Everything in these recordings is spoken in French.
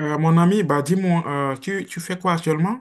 Mon ami, bah dis-moi, tu fais quoi actuellement?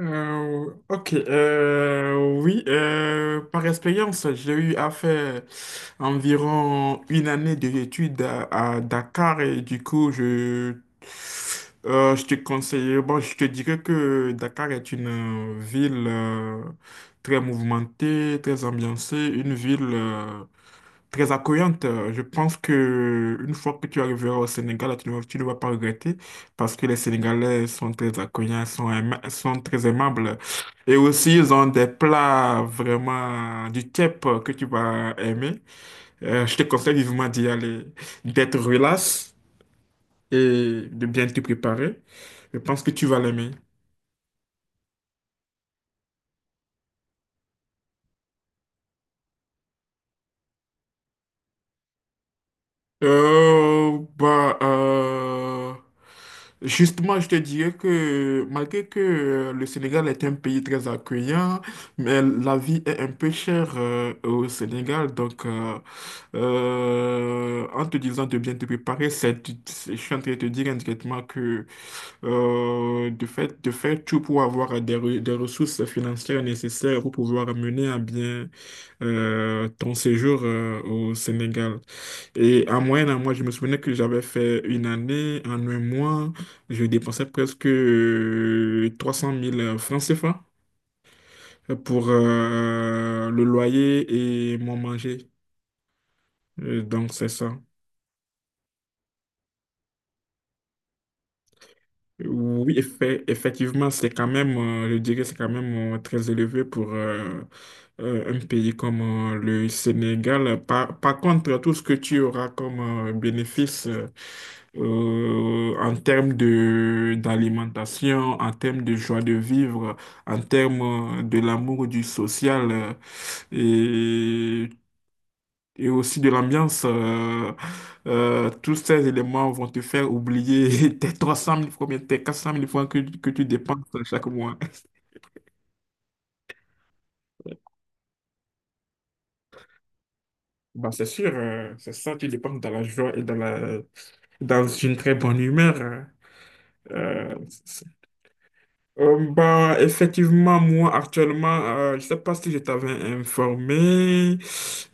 Ok, oui, par expérience, j'ai eu à faire environ une année d'études à Dakar et du coup, je te conseille. Bon, je te dirais que Dakar est une ville très mouvementée, très ambiancée, une ville très accueillante. Je pense que une fois que tu arriveras au Sénégal, tu ne vas pas regretter parce que les Sénégalais sont très accueillants, sont très aimables. Et aussi, ils ont des plats vraiment du type que tu vas aimer. Je te conseille vivement d'y aller, d'être relax et de bien te préparer. Je pense que tu vas l'aimer. Euh, bah, euh, Justement, je te dirais que malgré que le Sénégal est un pays très accueillant, mais la vie est un peu chère au Sénégal. Donc, en te disant de bien te préparer, je suis en train de te dire indirectement que de faire tout pour avoir des ressources financières nécessaires pour pouvoir mener à bien ton séjour au Sénégal. Et en moyenne, je me souvenais que j'avais fait une année, en un mois, je dépensais presque 300 000 francs CFA pour le loyer et mon manger. Donc, c'est ça. Oui, effectivement, c'est quand même, je dirais, c'est quand même très élevé pour un pays comme le Sénégal. Par contre, tout ce que tu auras comme bénéfice en termes de d'alimentation, en termes de joie de vivre, en termes de l'amour du social, euh, et aussi de l'ambiance. Tous ces éléments vont te faire oublier tes 300 mille francs, bien, tes 400 mille francs que tu dépenses chaque mois. Bah, c'est sûr, c'est ça, tu dépenses dans la joie et dans une très bonne humeur, hein. Euh, Effectivement, moi, actuellement, je ne sais pas si je t'avais informé.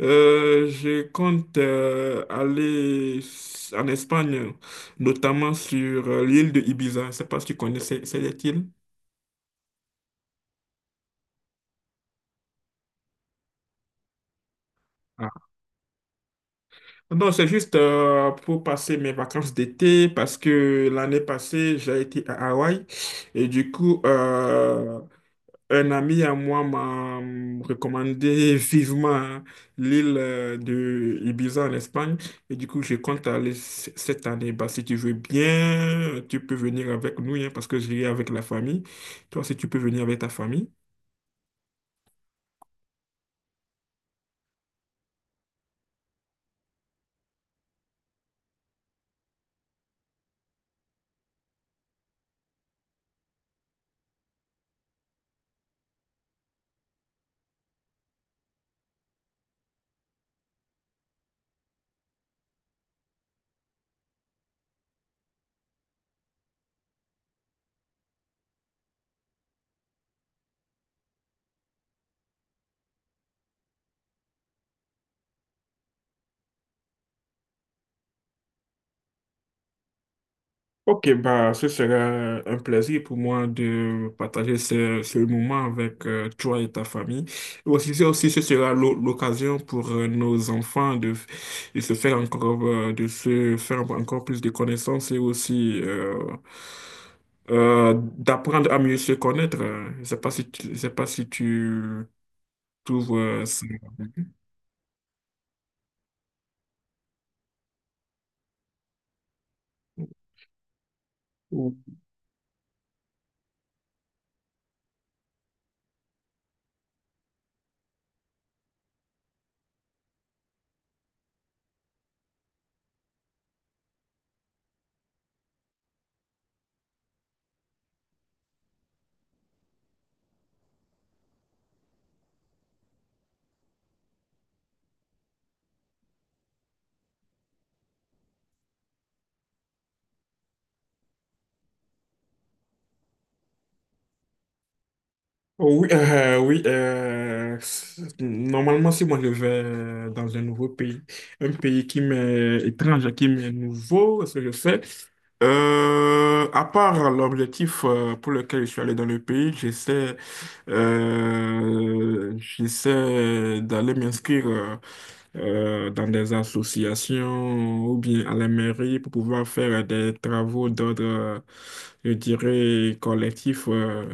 Je compte aller en Espagne, notamment sur l'île de Ibiza. Je ne sais pas si tu connais cette île. Ah, non, c'est juste pour passer mes vacances d'été parce que l'année passée, j'ai été à Hawaï et du coup, un ami à moi m'a recommandé vivement, hein, l'île de Ibiza en Espagne. Et du coup, je compte aller cette année. Bah, si tu veux bien, tu peux venir avec nous, hein, parce que j'irai avec la famille. Toi, si tu peux venir avec ta famille. Ok, bah, ce sera un plaisir pour moi de partager ce moment avec toi et ta famille. Et aussi, ce sera l'occasion pour nos enfants de se faire encore plus de connaissances et aussi d'apprendre à mieux se connaître. Je sais pas si tu trouves ça. Oh, oui, oui, normalement, si moi je vais dans un nouveau pays, un pays qui m'est étrange, qui m'est nouveau, ce que je fais, à part l'objectif pour lequel je suis allé dans le pays, j'essaie d'aller m'inscrire dans des associations ou bien à la mairie pour pouvoir faire des travaux d'ordre, je dirais, collectif. euh,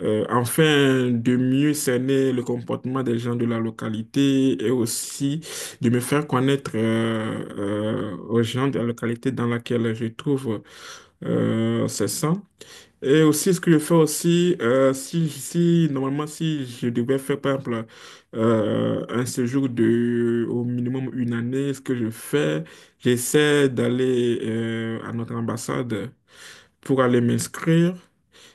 euh, Afin de mieux cerner le comportement des gens de la localité et aussi de me faire connaître aux gens de la localité dans laquelle je trouve ces gens. Et aussi, ce que je fais aussi, si, si, normalement, si je devais faire, par exemple, un séjour de au minimum une année, ce que je fais, j'essaie d'aller à notre ambassade pour aller m'inscrire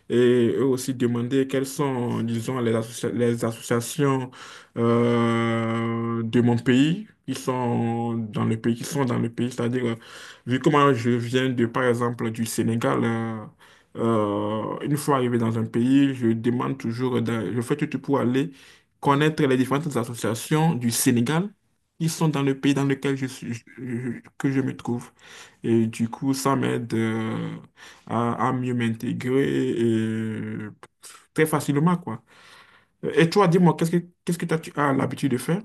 et eux aussi demander quelles sont, disons, les associations de mon pays qui sont dans le pays, c'est-à-dire, vu comment je viens de, par exemple, du Sénégal, une fois arrivé dans un pays, je demande toujours, je fais tout pour aller connaître les différentes associations du Sénégal qui sont dans le pays dans lequel je suis, que je me trouve. Et du coup, ça m'aide à mieux m'intégrer et très facilement, quoi. Et toi, dis-moi, qu'est-ce que toi, tu as l'habitude de faire?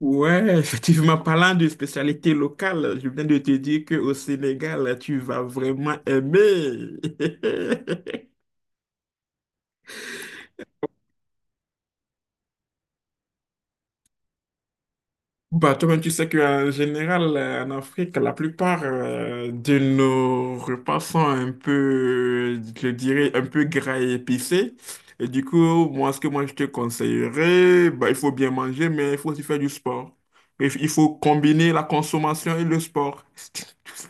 Ouais, effectivement, parlant de spécialité locale, je viens de te dire qu'au Sénégal, tu vas vraiment aimer. Bah, toi-même, tu sais qu'en général, en Afrique, la plupart de nos repas sont un peu, je dirais, un peu gras et épicés. Et du coup, moi, ce que moi, je te conseillerais, bah, il faut bien manger, mais il faut aussi faire du sport. Et il faut combiner la consommation et le sport.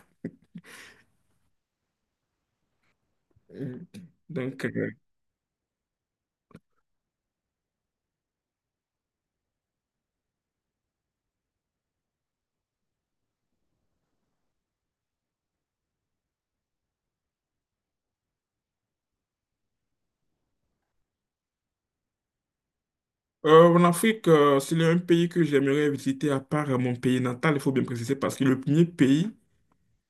Donc, euh, En Afrique, c'est un pays que j'aimerais visiter à part mon pays natal, il faut bien préciser, parce que le premier pays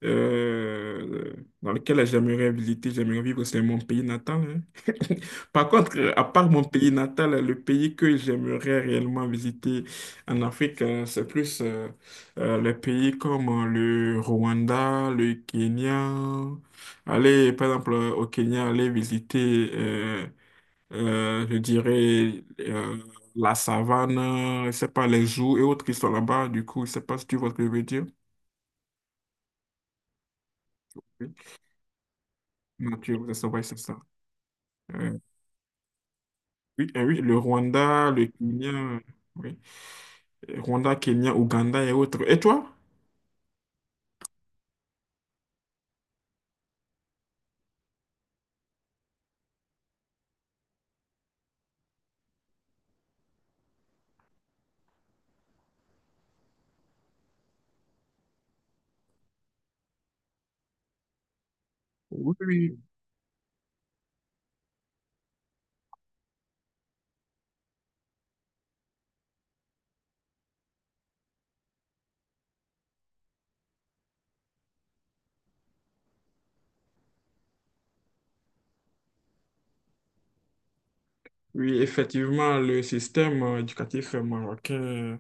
euh, dans lequel j'aimerais visiter, j'aimerais vivre, c'est mon pays natal, hein. Par contre, à part mon pays natal, le pays que j'aimerais réellement visiter en Afrique, c'est plus les pays comme le Rwanda, le Kenya. Aller, par exemple, au Kenya, aller visiter, je dirais, la savane, je sais pas, les jours et autres qui sont là-bas. Du coup, je sais pas si tu vois ce que je veux dire. Oui. Nature, c'est ça, ouais, c'est ça. Euh, oui, oui, le Rwanda, le Kenya, oui. Rwanda, Kenya, Ouganda et autres. Et toi? Oui, oui, oui, effectivement, le système éducatif marocain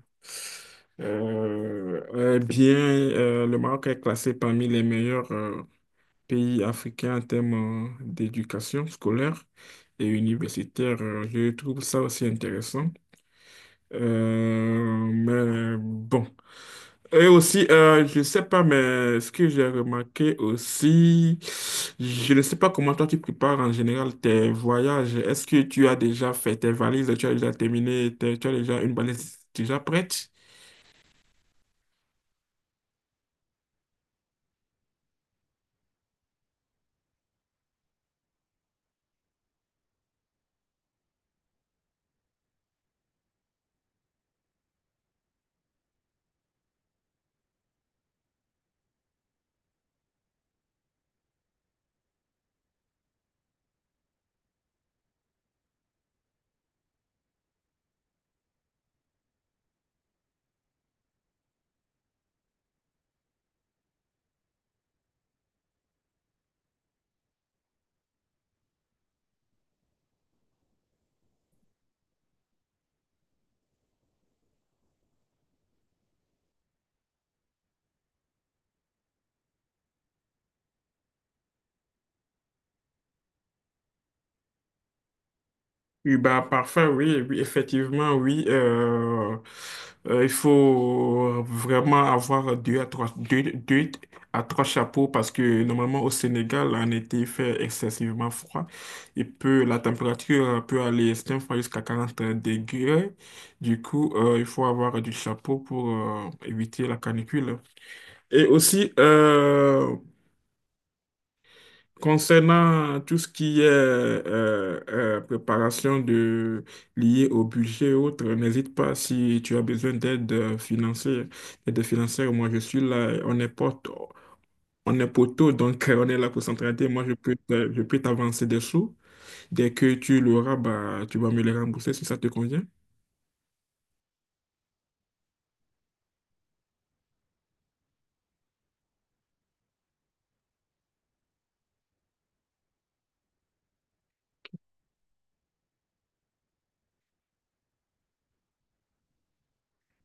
est bien. Le Maroc est classé parmi les meilleurs pays africains en termes d'éducation scolaire et universitaire. Je trouve ça aussi intéressant. Mais bon. Et aussi, je ne sais pas, mais ce que j'ai remarqué aussi, je ne sais pas comment toi tu prépares en général tes voyages. Est-ce que tu as déjà fait tes valises, tu as déjà terminé, tu as déjà une valise déjà prête? Oui, bah, parfait, oui, oui, effectivement, oui. Il faut vraiment avoir deux à trois chapeaux parce que normalement au Sénégal, en été, il fait excessivement froid. La température peut aller certaines fois jusqu'à 40 degrés. Du coup, il faut avoir du chapeau pour éviter la canicule. Et aussi, concernant tout ce qui est préparation de liée au budget et autres, n'hésite pas si tu as besoin d'aide financière. Aide financière, moi je suis là, on est poteau, donc on est là pour s'entraider. Moi je peux je peux t'avancer des sous. Dès que tu l'auras, bah, tu vas me les rembourser si ça te convient.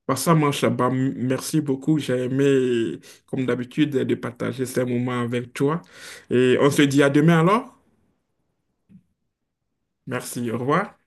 Bah, ça marche, bah, merci beaucoup. J'ai aimé, comme d'habitude, de partager ces moments avec toi. Et on se dit à demain alors. Merci, au revoir.